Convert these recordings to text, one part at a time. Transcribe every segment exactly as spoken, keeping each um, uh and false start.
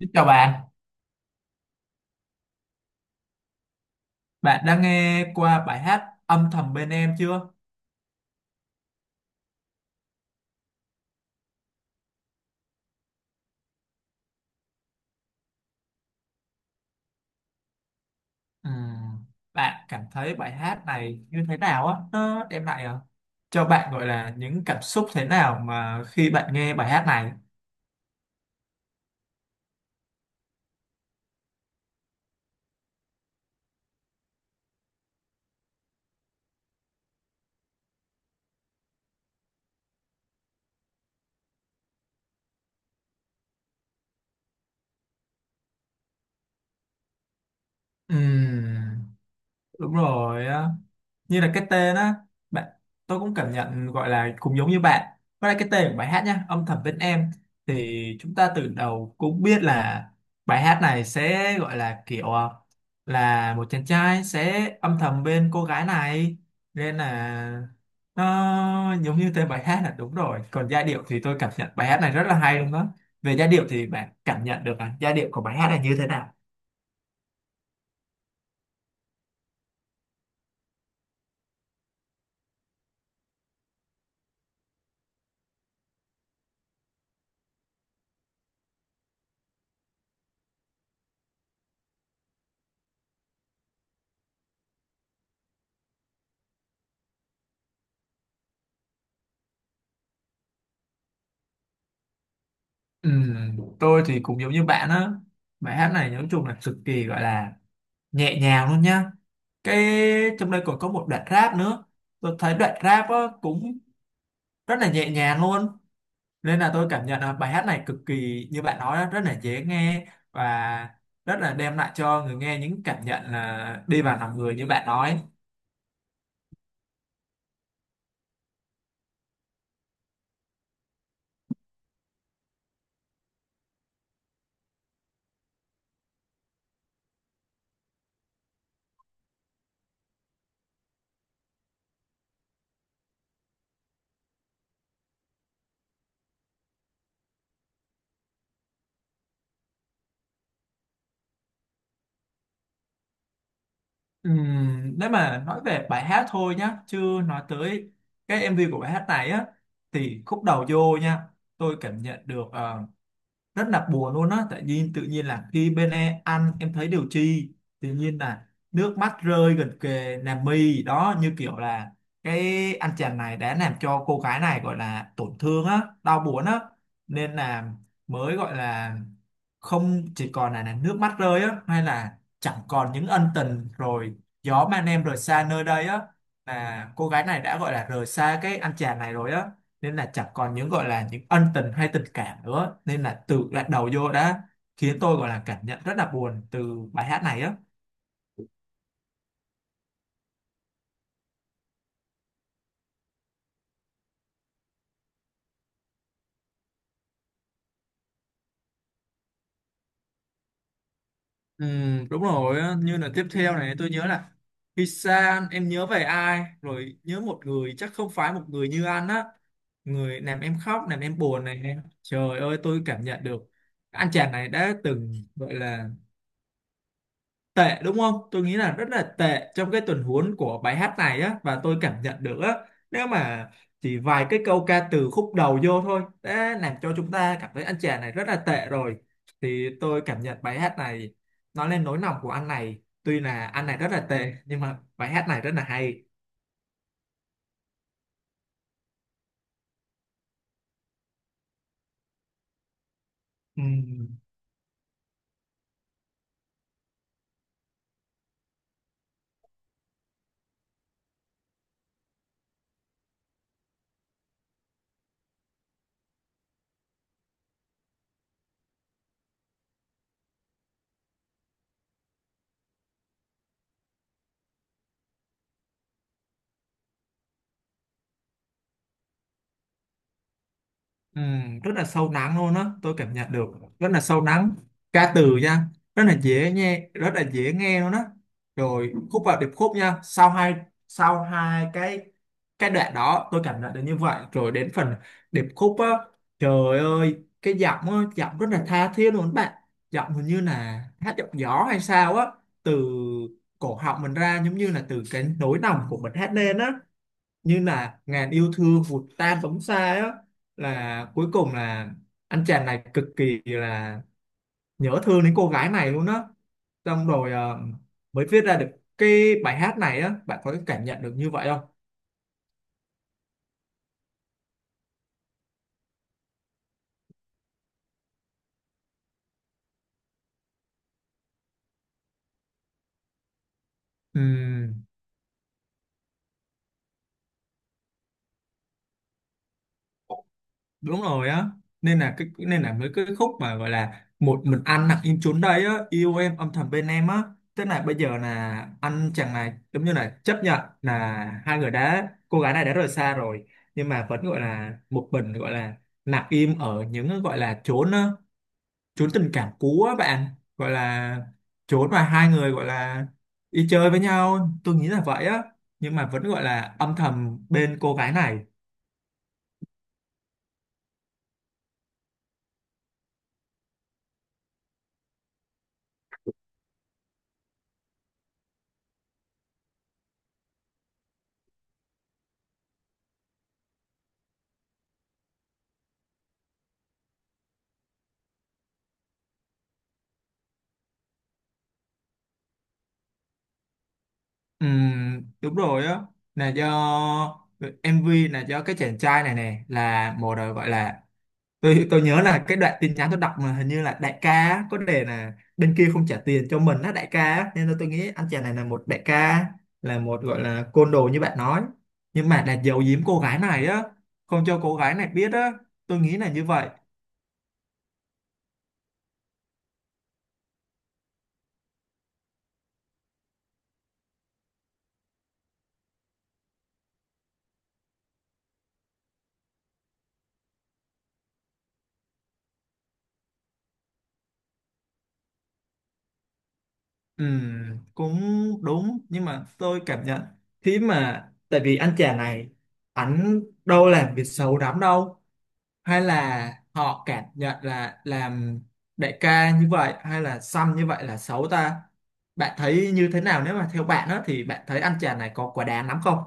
Xin chào bạn, bạn đã nghe qua bài hát Âm thầm bên em chưa? Ừm, Bạn cảm thấy bài hát này như thế nào á? Nó đem lại ờ, cho bạn gọi là những cảm xúc thế nào mà khi bạn nghe bài hát này? Ừm, Đúng rồi á, như là cái tên á, bạn. Tôi cũng cảm nhận gọi là cũng giống như bạn, với lại cái tên của bài hát nhá, âm thầm bên em, thì chúng ta từ đầu cũng biết là bài hát này sẽ gọi là kiểu ờ, là một chàng trai sẽ âm thầm bên cô gái này, nên là nó giống như tên bài hát là đúng rồi. Còn giai điệu thì tôi cảm nhận bài hát này rất là hay luôn đó. Về giai điệu thì bạn cảm nhận được à, giai điệu của bài hát này như thế nào? Ừ, tôi thì cũng giống như bạn á, bài hát này nói chung là cực kỳ gọi là nhẹ nhàng luôn nhá. Cái trong đây còn có một đoạn rap nữa, tôi thấy đoạn rap á, cũng rất là nhẹ nhàng luôn, nên là tôi cảm nhận là bài hát này cực kỳ như bạn nói á, rất là dễ nghe và rất là đem lại cho người nghe những cảm nhận là đi vào lòng người như bạn nói. Ừ, nếu mà nói về bài hát thôi nhá, chứ nói tới cái em vi của bài hát này á, thì khúc đầu vô nha, tôi cảm nhận được ờ, rất là buồn luôn á, tại vì tự nhiên là khi bên em ăn em thấy điều chi, tự nhiên là nước mắt rơi gần kề làm mi đó, như kiểu là cái anh chàng này đã làm cho cô gái này gọi là tổn thương á, đau buồn á, nên là mới gọi là không chỉ còn là, là nước mắt rơi á, hay là chẳng còn những ân tình rồi, gió mang em rời xa nơi đây á, là cô gái này đã gọi là rời xa cái anh chàng này rồi á, nên là chẳng còn những gọi là những ân tình hay tình cảm nữa, nên là tự lại đầu vô đã khiến tôi gọi là cảm nhận rất là buồn từ bài hát này á. Ừ, đúng rồi á, như là tiếp theo này tôi nhớ là khi xa anh, em nhớ về ai, rồi nhớ một người chắc không phải một người như anh á, người làm em khóc làm em buồn này em, trời ơi, tôi cảm nhận được anh chàng này đã từng gọi là tệ, đúng không? Tôi nghĩ là rất là tệ trong cái tuần huống của bài hát này á, và tôi cảm nhận được á, nếu mà chỉ vài cái câu ca từ khúc đầu vô thôi đã làm cho chúng ta cảm thấy anh chàng này rất là tệ rồi, thì tôi cảm nhận bài hát này nói lên nỗi lòng của anh này, tuy là anh này rất là tệ nhưng mà bài hát này rất là hay. Ừm. Ừ, rất là sâu lắng luôn á, tôi cảm nhận được rất là sâu lắng. Ca từ nha, rất là dễ nghe, rất là dễ nghe luôn á. Rồi khúc vào điệp khúc nha, sau hai sau hai cái cái đoạn đó tôi cảm nhận được như vậy, rồi đến phần điệp khúc á, trời ơi, cái giọng á, giọng rất là tha thiết luôn bạn. Giọng hình như là hát giọng gió hay sao á, từ cổ họng mình ra, giống như là từ cái nỗi lòng của mình hát lên á, như là ngàn yêu thương vụt tan phóng xa á, là cuối cùng là anh chàng này cực kỳ là nhớ thương đến cô gái này luôn á, xong rồi ờ, mới viết ra được cái bài hát này á. Bạn có cảm nhận được như vậy không? Ừm, Đúng rồi á, nên là cái nên là mấy cái khúc mà gọi là một mình anh nặng im chốn đây á, yêu em âm thầm bên em á, thế là bây giờ là anh chàng này giống như là chấp nhận là hai người đã, cô gái này đã rời xa rồi, nhưng mà vẫn gọi là một mình, gọi là nặng im ở những gọi là chốn á, chốn tình cảm cũ á bạn, gọi là chốn mà hai người gọi là đi chơi với nhau, tôi nghĩ là vậy á, nhưng mà vẫn gọi là âm thầm bên cô gái này. Ừm, đúng rồi á, là do mờ vê, là do cái chàng trai này nè là một đời gọi là, tôi tôi nhớ là cái đoạn tin nhắn tôi đọc mà hình như là đại ca á, có đề là bên kia không trả tiền cho mình á, đại ca á. Nên là tôi nghĩ anh chàng này là một đại ca, là một gọi là côn đồ như bạn nói, nhưng mà là giấu giếm cô gái này á, không cho cô gái này biết á. Tôi nghĩ là như vậy. Ừ, cũng đúng, nhưng mà tôi cảm nhận khi mà tại vì anh chàng này ảnh đâu làm việc xấu lắm đâu, hay là họ cảm nhận là làm đại ca như vậy hay là xăm như vậy là xấu ta? Bạn thấy như thế nào, nếu mà theo bạn đó thì bạn thấy anh chàng này có quá đáng lắm không?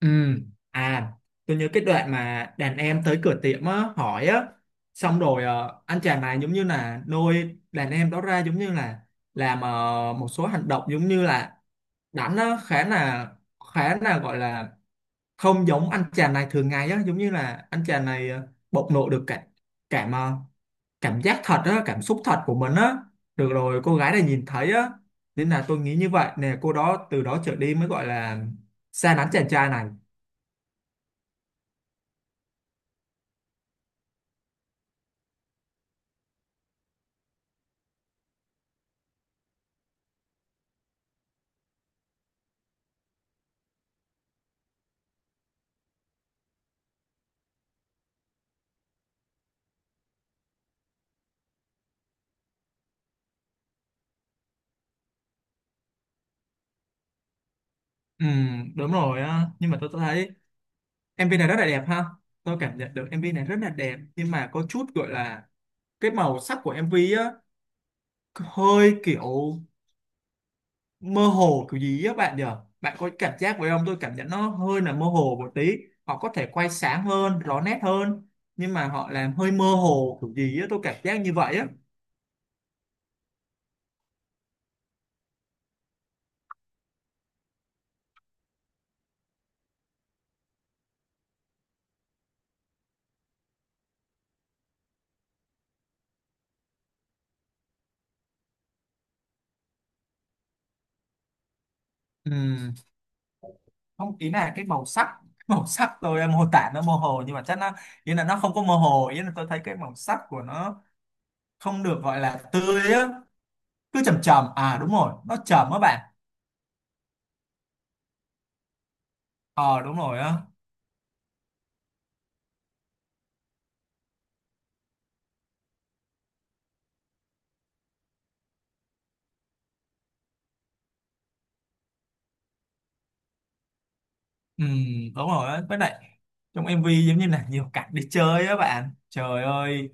Ừ. À, tôi nhớ cái đoạn mà đàn em tới cửa tiệm á, hỏi á, xong rồi ờ, anh chàng này giống như là nuôi đàn em đó ra, giống như là làm ờ, một số hành động, giống như là đánh á, khá là, khá là gọi là không giống anh chàng này thường ngày á, giống như là anh chàng này ờ, bộc lộ được cả cảm ờ, cảm giác thật á, cảm xúc thật của mình á, được rồi cô gái này nhìn thấy á, nên là tôi nghĩ như vậy nè, cô đó từ đó trở đi mới gọi là xa lánh chàng trai này. Ừ, đúng rồi á, nhưng mà tôi tôi thấy em MV này rất là đẹp ha. Tôi cảm nhận được em MV này rất là đẹp nhưng mà có chút gọi là cái màu sắc của em MV á hơi kiểu mơ hồ kiểu gì á bạn nhỉ? Bạn có cảm giác vậy không? Tôi cảm nhận nó hơi là mơ hồ một tí. Họ có thể quay sáng hơn, rõ nét hơn, nhưng mà họ làm hơi mơ hồ kiểu gì á, tôi cảm giác như vậy á. Ừ, không, ý là cái màu sắc màu sắc tôi mô tả nó mơ hồ nhưng mà chắc nó, ý là nó không có mơ hồ, ý là tôi thấy cái màu sắc của nó không được gọi là tươi á, cứ chầm chầm, à đúng rồi, nó chầm á bạn. Ờ đúng rồi á. Ừ, đúng rồi á, với lại trong em vi giống như là nhiều cảnh đi chơi á bạn, trời ơi,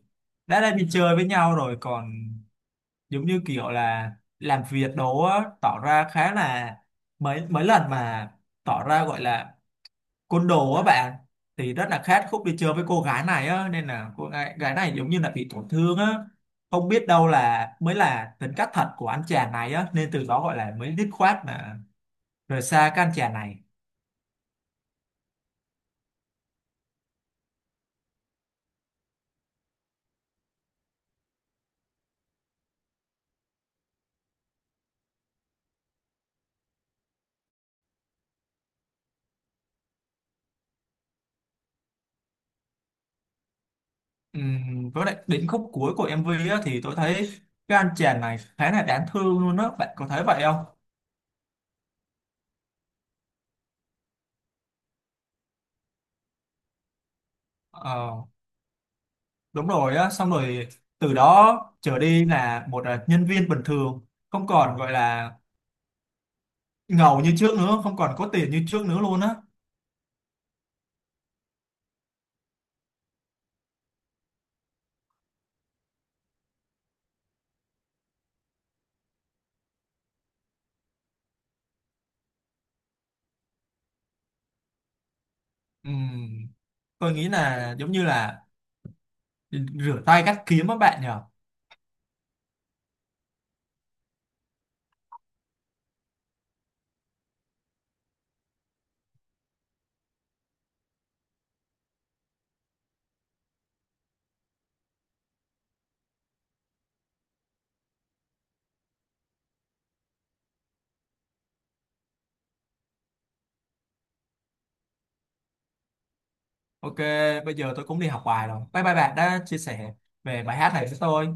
đã đang đi chơi với nhau rồi còn giống như kiểu là làm việc đồ á, tỏ ra khá là, mấy mấy lần mà tỏ ra gọi là côn đồ á bạn, thì rất là khát khúc đi chơi với cô gái này á, nên là cô gái, gái này giống như là bị tổn thương á, không biết đâu là mới là tính cách thật của anh chàng này á, nên từ đó gọi là mới dứt khoát mà rời xa cái anh chàng này. Ừm, với lại đến khúc cuối của em vi á thì tôi thấy cái anh chàng này khá là đáng thương luôn á. Bạn có thấy vậy không? ờ, Đúng rồi á, xong rồi từ đó trở đi là một à, nhân viên bình thường, không còn gọi là ngầu như trước nữa, không còn có tiền như trước nữa luôn á. Ừm, tôi nghĩ là giống như là rửa tay cắt kiếm các bạn nhờ. Ok, bây giờ tôi cũng đi học bài rồi. Bye bye bạn đã chia sẻ về bài hát này với tôi.